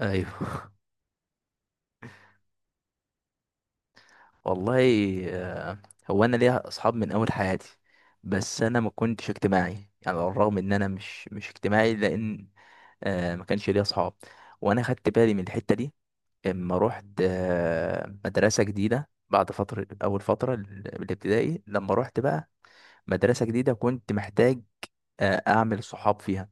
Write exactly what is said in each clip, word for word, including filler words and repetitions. ايوه. والله. آه، هو انا ليا اصحاب من اول حياتي، بس انا ما كنتش اجتماعي. يعني على الرغم ان انا مش مش اجتماعي، لان آه، ما كانش ليا اصحاب، وانا خدت بالي من الحته دي. اما رحت آه، مدرسه جديده بعد فتره، اول فتره ال- الابتدائي، لما رحت بقى مدرسه جديده كنت محتاج آه، اعمل صحاب فيها.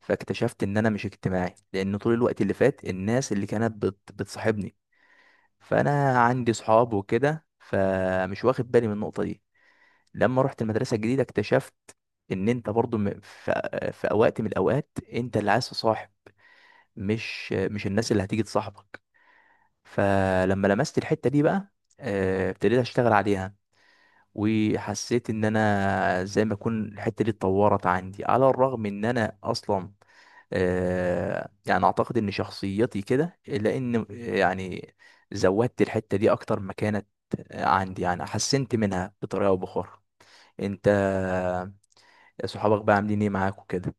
فاكتشفت ان انا مش اجتماعي، لان طول الوقت اللي فات الناس اللي كانت بت- بتصاحبني، فانا عندي صحاب وكده فمش واخد بالي من النقطه دي. لما رحت المدرسه الجديده اكتشفت ان انت برضو م- في في اوقات من الاوقات انت اللي عايز تصاحب، مش مش الناس اللي هتيجي تصاحبك. فلما لمست الحته دي بقى آه، ابتديت اشتغل عليها، وحسيت ان انا زي ما اكون الحته دي اتطورت عندي، على الرغم ان انا اصلا آه، يعني اعتقد ان شخصيتي كده، لان يعني زودت الحته دي اكتر ما كانت عندي، يعني حسنت منها بطريقه او باخرى. انت صحابك بقى عاملين ايه معاك وكده؟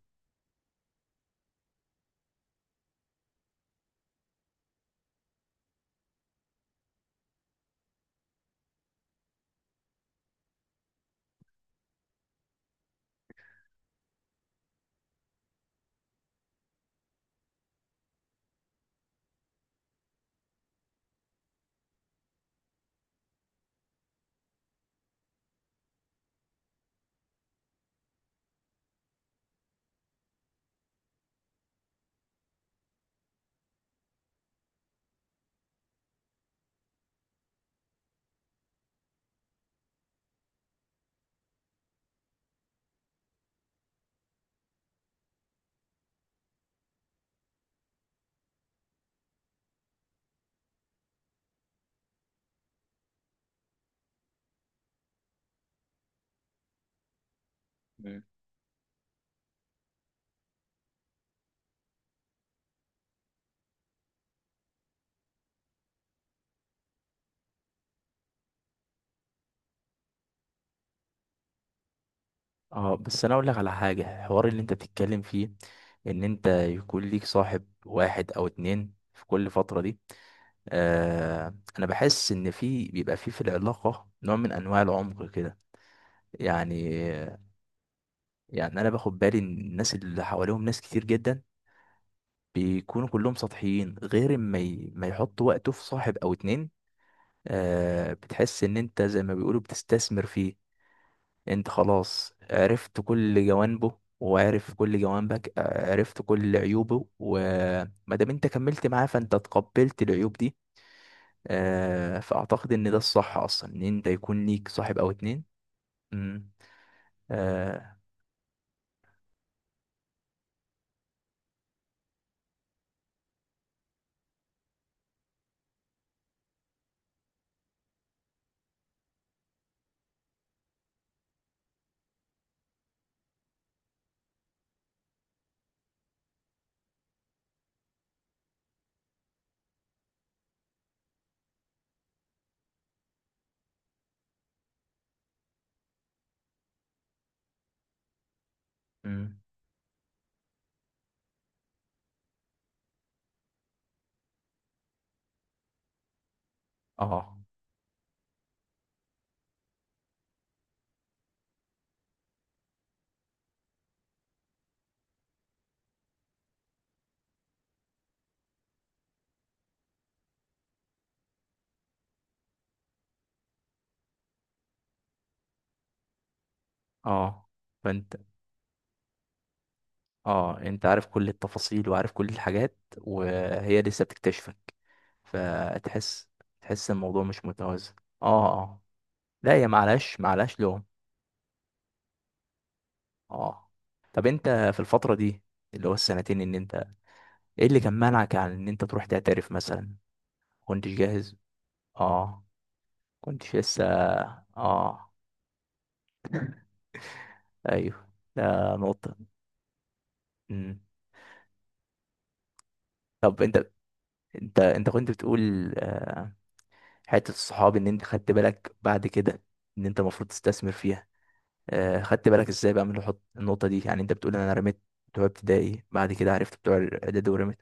مم. اه، بس انا اقول لك على حاجه. الحوار اللي انت بتتكلم فيه، ان انت يكون ليك صاحب واحد او اتنين في كل فتره دي، آه، انا بحس ان في، بيبقى في في العلاقه نوع من انواع العمق كده، يعني. يعني انا باخد بالي ان الناس اللي حواليهم ناس كتير جدا بيكونوا كلهم سطحيين، غير ما ي- ما يحطوا وقته في صاحب او اتنين، آه، بتحس ان انت زي ما بيقولوا بتستثمر فيه. انت خلاص عرفت كل جوانبه وعرف كل جوانبك، آه، عرفت كل عيوبه وما دام انت كملت معاه فانت تقبلت العيوب دي. آه، فأعتقد إن ده الصح أصلا، إن أنت يكون ليك صاحب أو اتنين. مم. آه. مم. آه، آه. فأنت آه أنت عارف كل التفاصيل وعارف كل الحاجات، وهي لسه بتكتشفك، فتحس تحس الموضوع مش متوازن. آه، آه. لا، هي معلش معلش، لوم. آه طب أنت، في الفترة دي اللي هو السنتين، إن أنت إيه اللي كان مانعك عن إن أنت تروح تعترف مثلا؟ كنتش جاهز؟ آه. كنتش لسه. آه، ايوه، ده نقطة. مم. طب انت، انت انت كنت بتقول آه، حتة الصحاب، ان انت خدت بالك بعد كده ان انت المفروض تستثمر فيها. آه، خدت بالك ازاي بقى من الحط- النقطة دي؟ يعني انت بتقول انا رميت بتوع ابتدائي، بعد كده عرفت بتوع الاعدادي ورميت.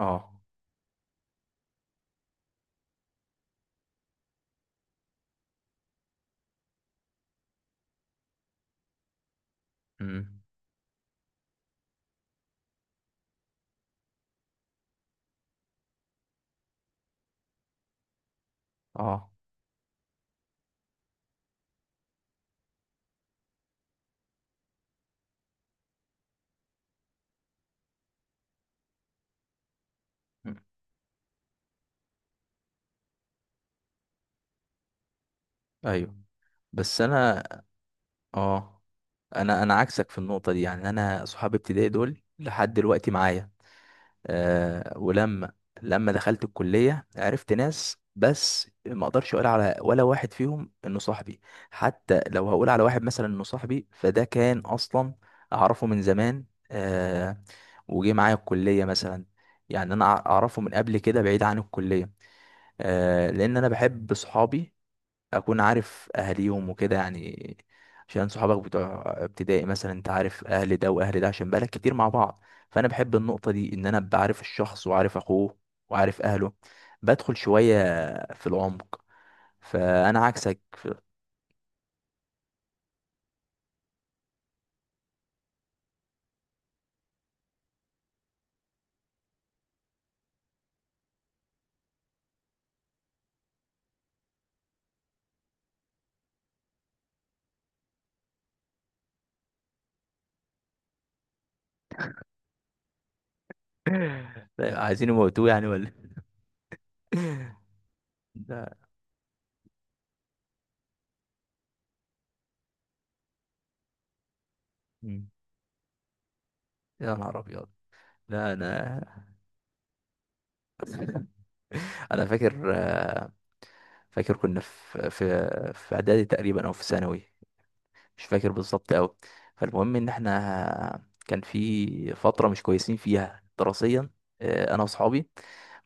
اه. امم. اه. مم. ايوه، بس انا، اه انا انا عكسك في النقطة دي. يعني انا صحاب ابتدائي دول لحد دلوقتي معايا. آه ولما لما دخلت الكلية عرفت ناس، بس ما اقدرش اقول على ولا واحد فيهم انه صاحبي. حتى لو هقول على واحد مثلا انه صاحبي، فده كان اصلا اعرفه من زمان، آه وجه معايا الكلية مثلا. يعني انا اعرفه من قبل كده، بعيد عن الكلية، آه لان انا بحب صحابي اكون عارف اهاليهم وكده، يعني عشان صحابك بتوع ابتدائي مثلا انت عارف اهل ده واهل ده، عشان بقالك كتير مع بعض. فانا بحب النقطة دي، ان انا ابقى عارف الشخص وعارف اخوه وعارف اهله، بدخل شوية في العمق. فانا عكسك في... عايزين يموتوه، يعني، ولا إيه؟ ده. مم. يا نهار ابيض. لا انا، انا فاكر. فاكر كنا في في في اعدادي تقريبا او في ثانوي، مش فاكر بالظبط قوي. فالمهم ان احنا كان في فتره مش كويسين فيها دراسيا، آه، انا واصحابي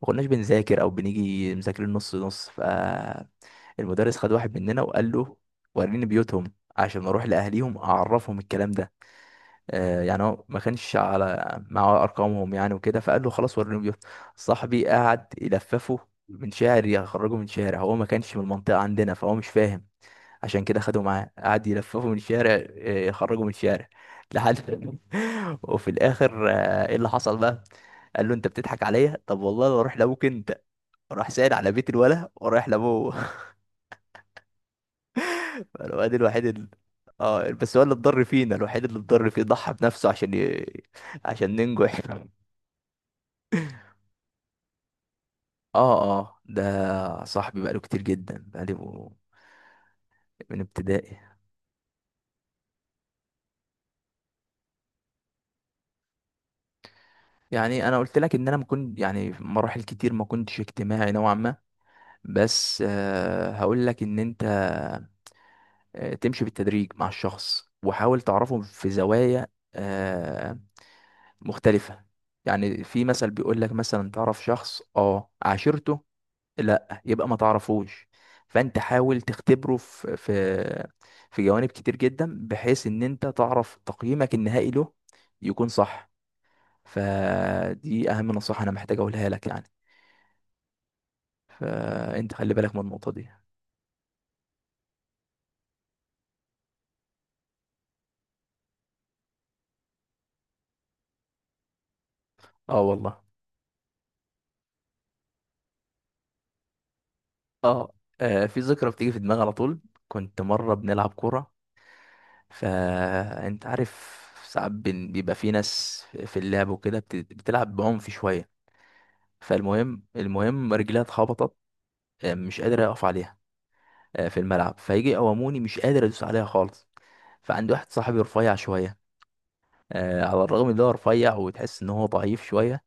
ما كناش بنذاكر او بنيجي مذاكرين نص نص. فالمدرس خد واحد مننا وقال له وريني بيوتهم عشان اروح لاهليهم اعرفهم الكلام ده. آه، يعني هو ما كانش على معاه ارقامهم يعني وكده، فقال له خلاص وريني بيوت. صاحبي قعد يلففه من شارع، يخرجه من شارع. هو ما كانش من المنطقه عندنا فهو مش فاهم، عشان كده خدوا معاه قعد يلففوا من الشارع آه، يخرجوا من الشارع لحد وفي الاخر آه، ايه اللي حصل بقى. قال له انت بتضحك عليا؟ طب والله لو اروح لابوك انت. راح سائل على بيت الولا ورايح لابوه. الواد الوحيد اللي... اه بس هو اللي اتضر فينا، الوحيد اللي اتضر فيه ضحى بنفسه عشان ي... عشان ننجح. اه، اه، ده صاحبي بقاله كتير جدا، بقاله من ابتدائي. يعني انا قلت لك ان انا ما كنت، يعني في مراحل كتير ما كنتش اجتماعي نوعا ما، بس آه، هقول لك ان انت آه، تمشي بالتدريج مع الشخص وحاول تعرفه في زوايا آه، مختلفة. يعني في مثل بيقول لك مثلا تعرف شخص اه عاشرته، لا يبقى ما تعرفوش. فانت حاول تختبره في، في، في جوانب كتير جدا، بحيث ان انت تعرف تقييمك النهائي له يكون صح. فدي اهم نصيحة انا محتاج اقولها لك، يعني فانت خلي بالك من النقطة دي. اه، والله. اه آه، في ذكرى بتيجي في دماغي على طول. كنت مرة بنلعب كورة. فانت عارف، ساعات بن- بيبقى في ناس في اللعب وكده بت- بتلعب بعنف شوية. فالمهم، المهم رجليها اتخبطت، آه، مش قادر اقف عليها، آه، في الملعب. فيجي يقوموني مش قادر ادوس عليها خالص. فعندي واحد صاحبي رفيع شوية، آه، على الرغم ان هو رفيع وتحس ان هو ضعيف شوية.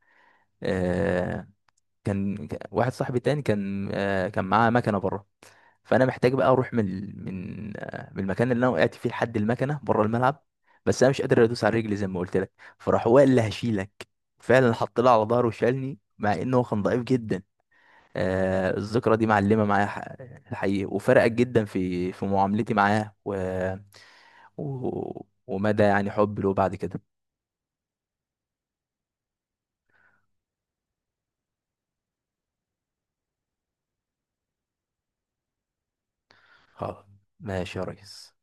آه، كان كان- واحد صاحبي تاني كان آه، كان معاه مكنة بره. فانا محتاج بقى اروح من ال- من آه، من المكان اللي انا وقعت فيه لحد المكنه بره الملعب، بس انا مش قادر ادوس على رجلي زي ما قلت لك. فراح هو قال لي هشيلك، فعلا حط لي على ظهره وشالني مع انه هو كان ضعيف جدا. آه الذكرى دي معلمه معايا، ح- الحقيقه، وفرقت جدا في في معاملتي معاه، و... و... ومدى، يعني، حبي له بعد كده. خلاص، ماشي يا ريس.